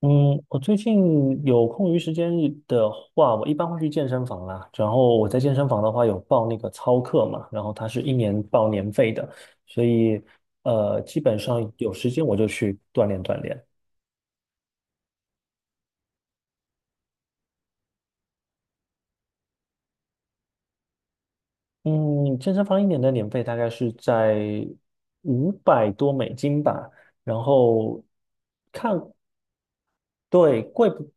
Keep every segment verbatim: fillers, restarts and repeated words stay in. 嗯，我最近有空余时间的话，我一般会去健身房啦。然后我在健身房的话有报那个操课嘛，然后它是一年报年费的，所以呃，基本上有时间我就去锻炼锻炼。嗯，健身房一年的年费大概是在五百多美金吧，然后看，对，贵，不？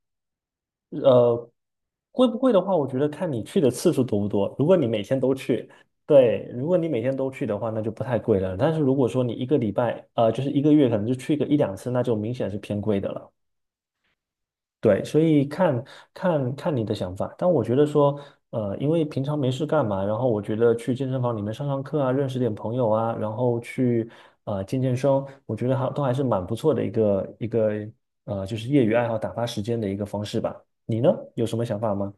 呃，贵不贵的话，我觉得看你去的次数多不多。如果你每天都去，对，如果你每天都去的话，那就不太贵了。但是如果说你一个礼拜，呃，就是一个月，可能就去个一两次，那就明显是偏贵的了。对，所以看看看你的想法，但我觉得说，呃，因为平常没事干嘛，然后我觉得去健身房里面上上课啊，认识点朋友啊，然后去呃健健身，我觉得还都还是蛮不错的一个一个呃，就是业余爱好打发时间的一个方式吧。你呢，有什么想法吗？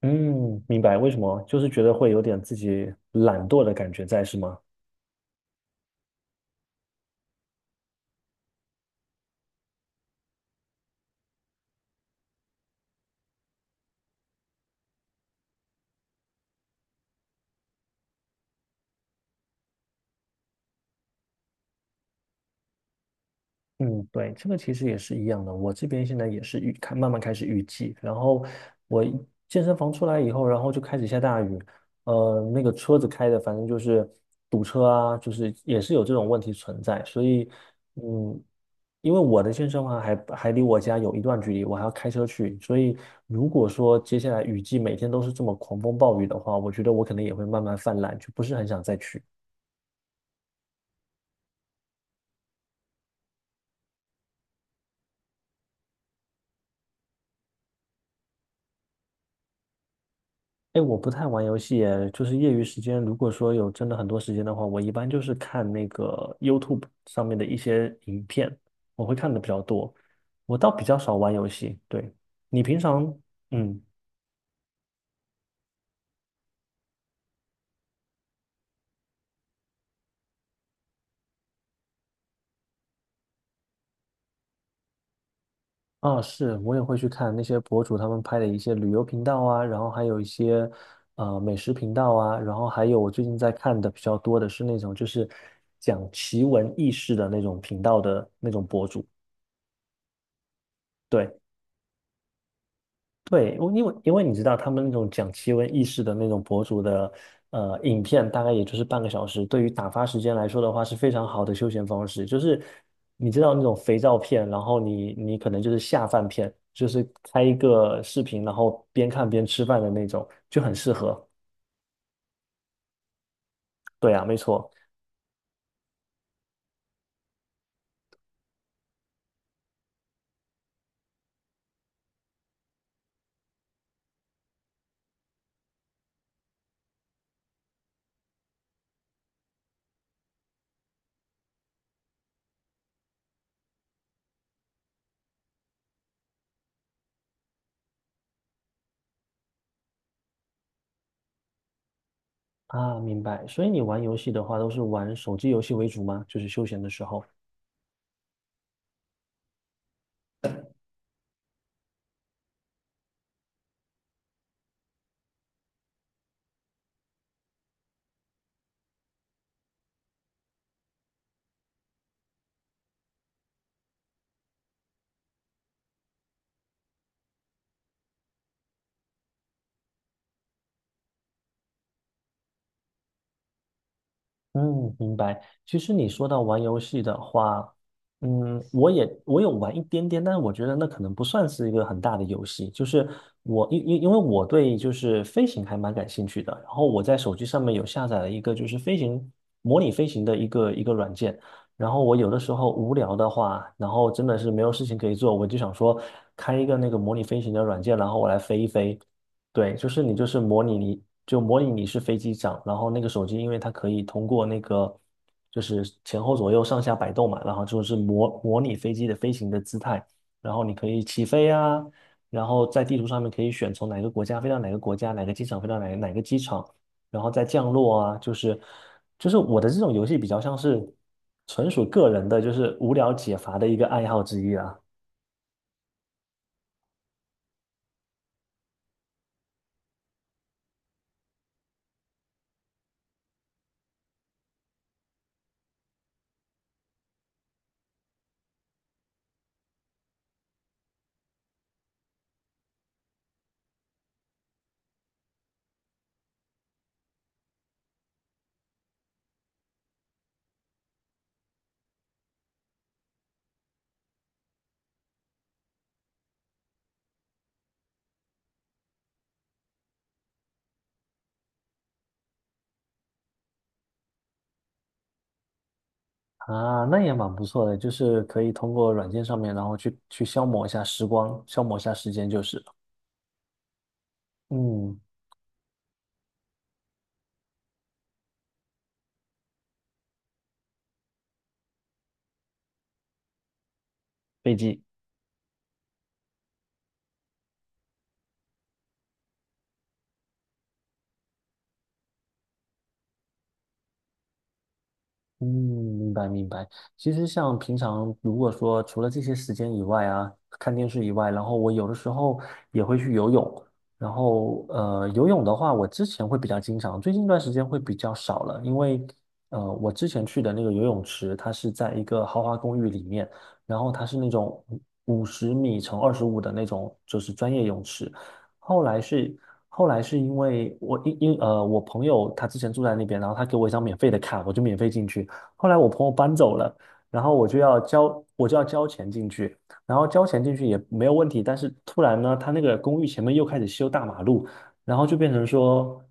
嗯，明白，为什么？就是觉得会有点自己懒惰的感觉在，是吗？嗯，对，这个其实也是一样的。我这边现在也是预开，慢慢开始预计。然后我一健身房出来以后，然后就开始下大雨，呃，那个车子开的反正就是堵车啊，就是也是有这种问题存在。所以，嗯，因为我的健身房还还离我家有一段距离，我还要开车去。所以，如果说接下来雨季每天都是这么狂风暴雨的话，我觉得我可能也会慢慢泛滥，就不是很想再去。哎，我不太玩游戏耶，就是业余时间，如果说有真的很多时间的话，我一般就是看那个 YouTube 上面的一些影片，我会看的比较多。我倒比较少玩游戏。对，你平常，嗯，啊，是，我也会去看那些博主他们拍的一些旅游频道啊，然后还有一些呃美食频道啊，然后还有我最近在看的比较多的是那种就是讲奇闻异事的那种频道的那种博主。对。对，我因为因为你知道，他们那种讲奇闻异事的那种博主的呃影片，大概也就是半个小时，对于打发时间来说的话，是非常好的休闲方式。就是你知道那种肥皂片，然后你你可能就是下饭片，就是开一个视频，然后边看边吃饭的那种，就很适合。对啊，没错啊，明白。所以你玩游戏的话，都是玩手机游戏为主吗？就是休闲的时候。嗯，明白。其实你说到玩游戏的话，嗯，我也我有玩一点点，但是我觉得那可能不算是一个很大的游戏。就是我因因因为我对就是飞行还蛮感兴趣的，然后我在手机上面有下载了一个就是飞行模拟飞行的一个一个软件。然后我有的时候无聊的话，然后真的是没有事情可以做，我就想说开一个那个模拟飞行的软件，然后我来飞一飞。对，就是你就是模拟你就模拟你是飞机长，然后那个手机因为它可以通过那个就是前后左右上下摆动嘛，然后就是模模拟飞机的飞行的姿态，然后你可以起飞啊，然后在地图上面可以选从哪个国家飞到哪个国家，哪个机场飞到哪个哪个机场，然后再降落啊，就是就是我的这种游戏比较像是纯属个人的，就是无聊解乏的一个爱好之一啊。啊，那也蛮不错的，就是可以通过软件上面，然后去去消磨一下时光，消磨一下时间就是了嗯，飞机。嗯，明白明白。其实像平常如果说除了这些时间以外啊，看电视以外，然后我有的时候也会去游泳。然后呃，游泳的话，我之前会比较经常，最近一段时间会比较少了，因为呃，我之前去的那个游泳池，它是在一个豪华公寓里面，然后它是那种五十米乘二十五的那种，就是专业泳池。后来是后来是因为我因因呃我朋友他之前住在那边，然后他给我一张免费的卡，我就免费进去。后来我朋友搬走了，然后我就要交，我就要交钱进去，然后交钱进去也没有问题，但是突然呢，他那个公寓前面又开始修大马路，然后就变成说，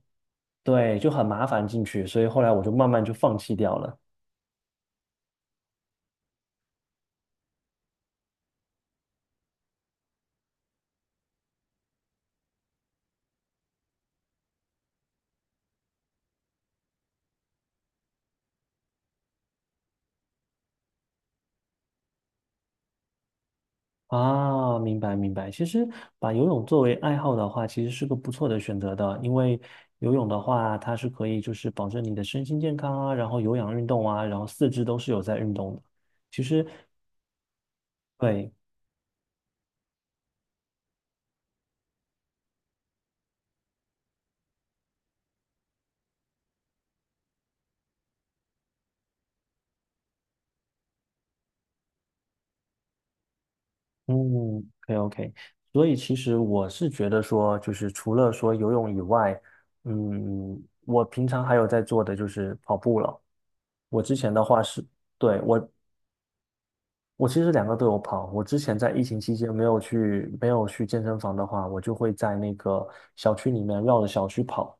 对，就很麻烦进去，所以后来我就慢慢就放弃掉了。啊，明白明白。其实把游泳作为爱好的话，其实是个不错的选择的，因为游泳的话，它是可以就是保证你的身心健康啊，然后有氧运动啊，然后四肢都是有在运动的。其实对，嗯，OK OK,所以其实我是觉得说，就是除了说游泳以外，嗯，我平常还有在做的就是跑步了。我之前的话是，对，我，我其实两个都有跑。我之前在疫情期间没有去没有去健身房的话，我就会在那个小区里面绕着小区跑。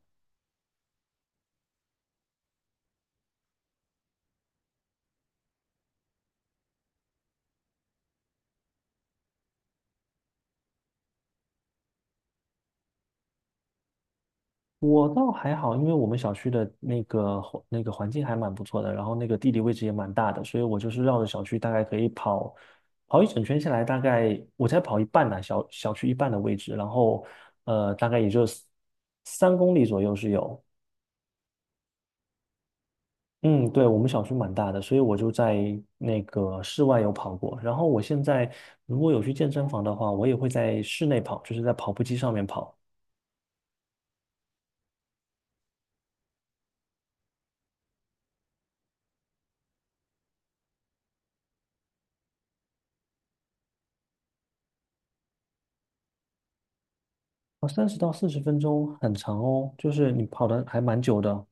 我倒还好，因为我们小区的那个环那个环境还蛮不错的，然后那个地理位置也蛮大的，所以我就是绕着小区大概可以跑跑一整圈下来，大概我才跑一半呢、小小区一半的位置，然后呃大概也就三公里左右是有。嗯，对，我们小区蛮大的，所以我就在那个室外有跑过。然后我现在如果有去健身房的话，我也会在室内跑，就是在跑步机上面跑。哦，三十到四十分钟很长哦，就是你跑的还蛮久的。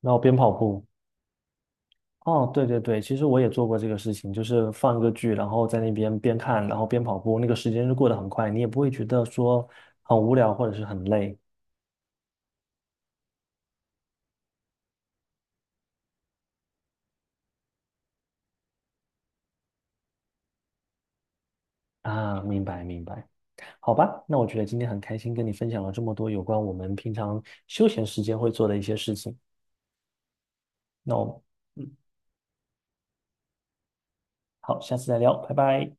然后边跑步。哦，对对对，其实我也做过这个事情，就是放一个剧，然后在那边边看，然后边跑步，那个时间就过得很快，你也不会觉得说很无聊或者是很累啊。明白明白，好吧，那我觉得今天很开心跟你分享了这么多有关我们平常休闲时间会做的一些事情。那我，嗯，好，下次再聊，拜拜。